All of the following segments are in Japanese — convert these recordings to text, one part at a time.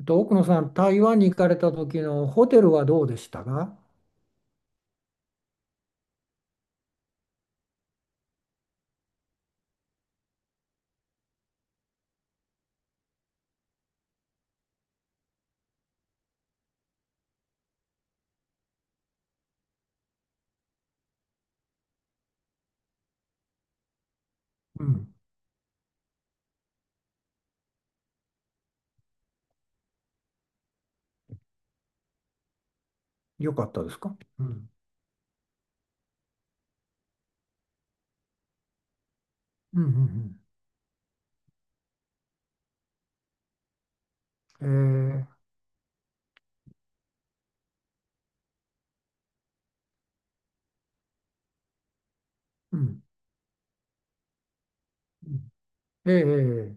奥野さん、台湾に行かれた時のホテルはどうでしたか？うん。よかったですか？うん。うん、うん、うん。うん。うん、ええええ、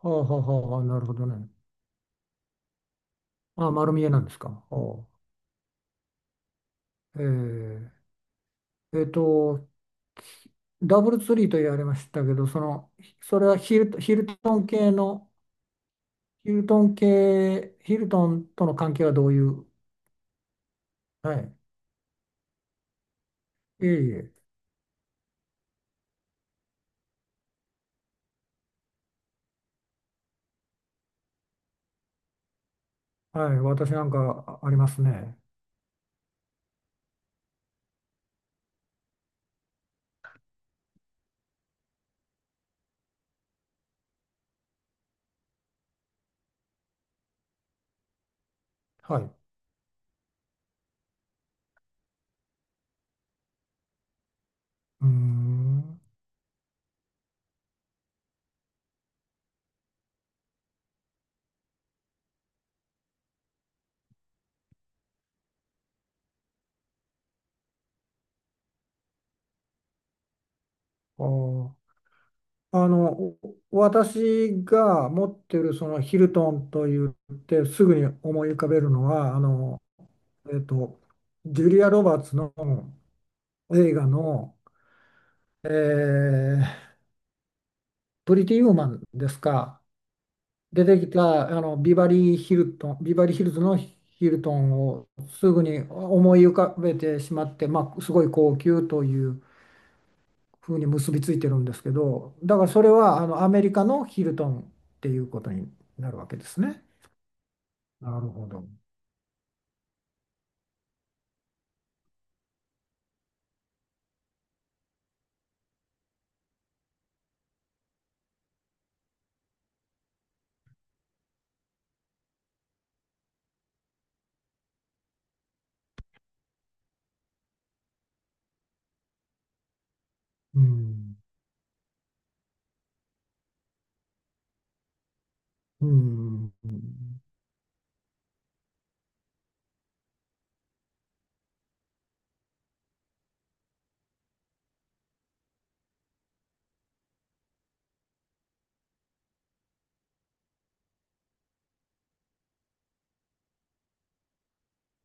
はあ、はあ、はあ、なるほどね。あ、丸見えなんですか？はあ、ええっと、ダブルツリーと言われましたけど、その、それはヒルトン系の、ヒルトン系、ヒルトンとの関係はどういう、はい。いえいえ、はい、私なんかあありますね。はい。うーん。あーあの、私が持ってるそのヒルトンと言ってすぐに思い浮かべるのは、えっと、ジュリア・ロバーツの映画の、えープリティ・ウーマンですか？出てきたあのビバリー・ヒルトン、ビバリー・ヒルズのヒルトンをすぐに思い浮かべてしまって、まあ、すごい高級というふうに結びついてるんですけど、だからそれはあのアメリカのヒルトンっていうことになるわけですね。なるほど。うん。うん。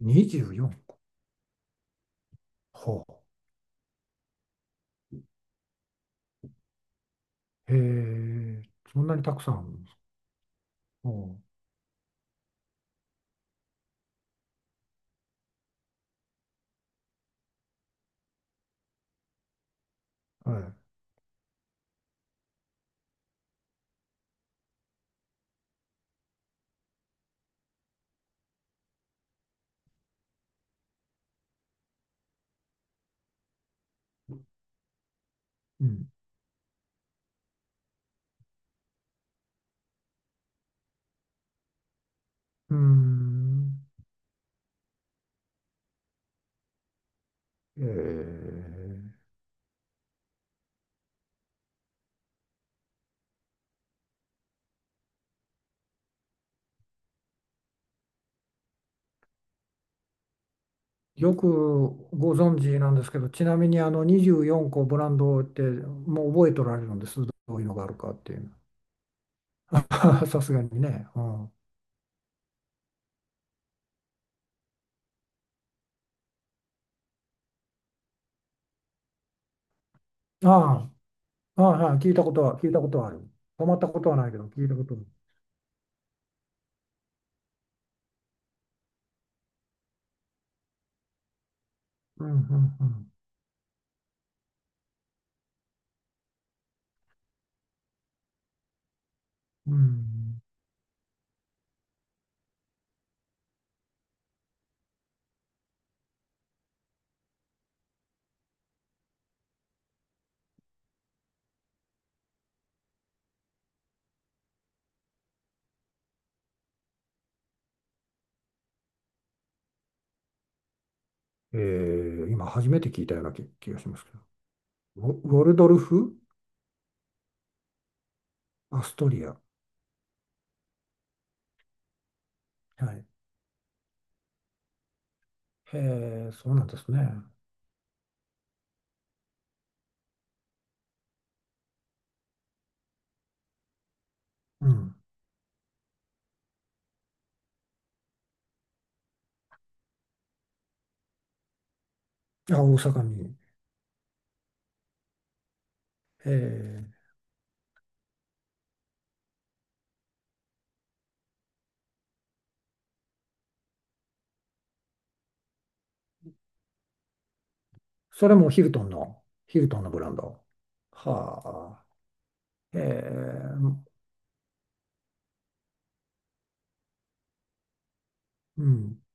24個。ほう。へえ、そんなにたくさんあるんですか？ほう。はい。うん。うーん。えーよくご存知なんですけど、ちなみにあの24個ブランドってもう覚えとられるんです、どういうのがあるかっていうの？さすがにね。うん、ああ、ああ、はい、聞いたことはある。泊まったことはないけど、聞いたことある。うん、うん、うん。うん、今初めて聞いたような気がしますけど。ウォルドルフ・アストリア。はい。へえ、そうなんですね。うん。あ、大阪に。へえ、それもヒルトンのブランド。はあ。へえ、うん、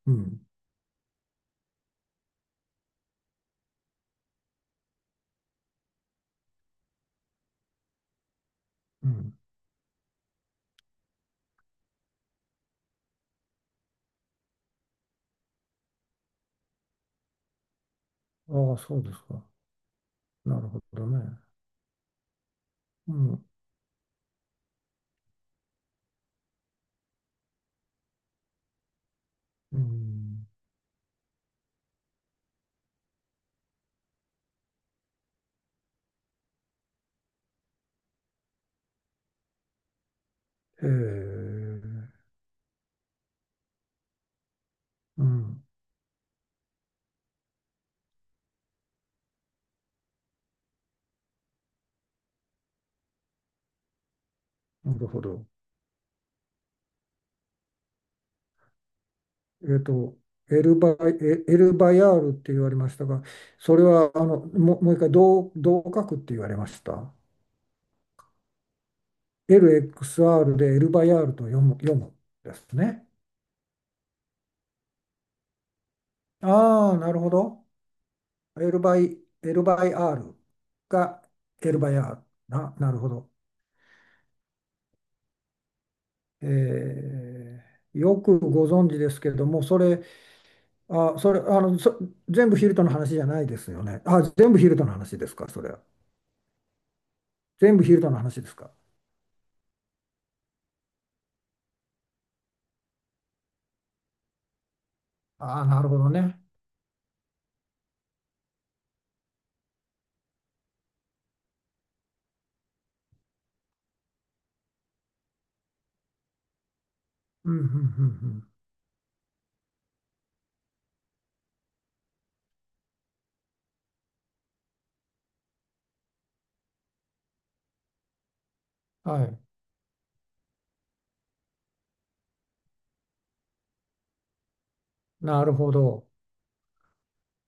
うん、うん。ああ、そうですか。なるほどね。うん、うん。へえ、うん。なるほど。えっと、エルバ、エルバヤールって言われましたが、それはもう一回どう書くって言われました？LXR でエルバヤールと読むですね。ああ、なるほど。エルバイ、エルバイアールがエルバヤール。なるほど。えーよくご存知ですけれども、それ、あ、それ、あの、そ全部ヒルトの話じゃないですよね？あ、全部ヒルトの話ですか、それは？全部ヒルトの話ですか？ああ、なるほどね。うん、うん、うん、うん。はい。なるほど。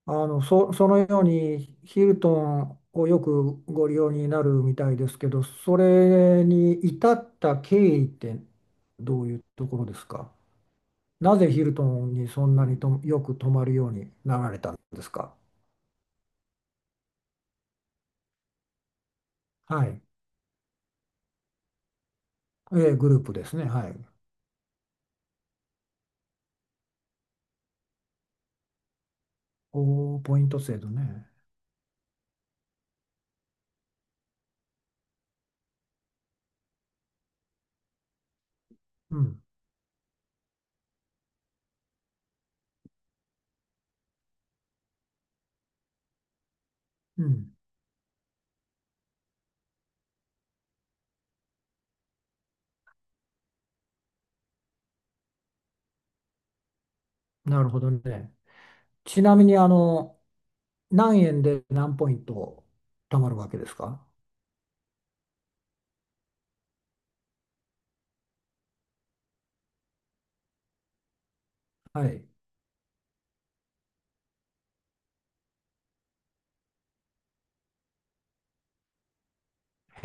そのようにヒルトンをよくご利用になるみたいですけど、それに至った経緯ってどういうところですか？なぜヒルトンにそんなにとよく泊まるようになられたんですか？はい。ええ、グループですね。はい。おー、ポイント制度ね。うん、うん。なるほどね。ちなみに、何円で何ポイント貯まるわけですか？はい。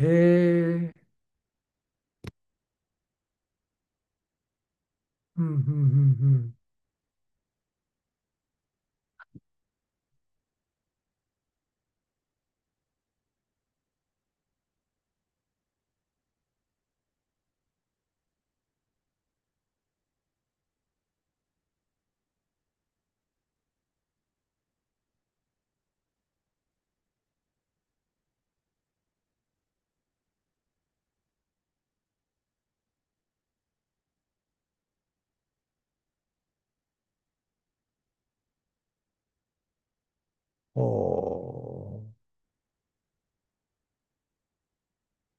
へえ、うん、うん、うん、うん。おー、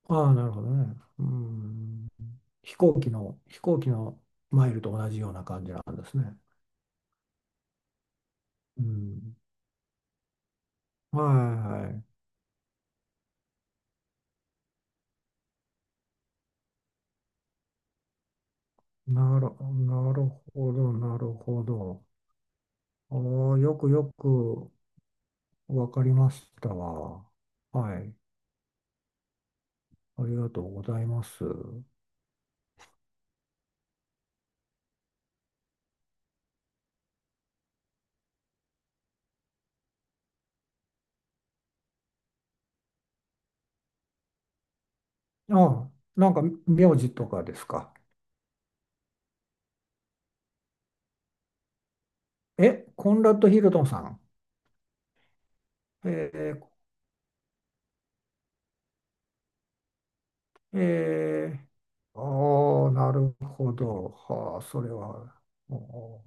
ああ、なるほどね。うん。飛行機のマイルと同じような感じなんですね。うん。はいはい。なるほど、なるほど。おー、よくよくわかりましたわ。はい。ありがとうございます。ああ、なんか名字とかですか？え、コンラッド・ヒルトンさん。えー、えああ、なるほど。はあ、それは。お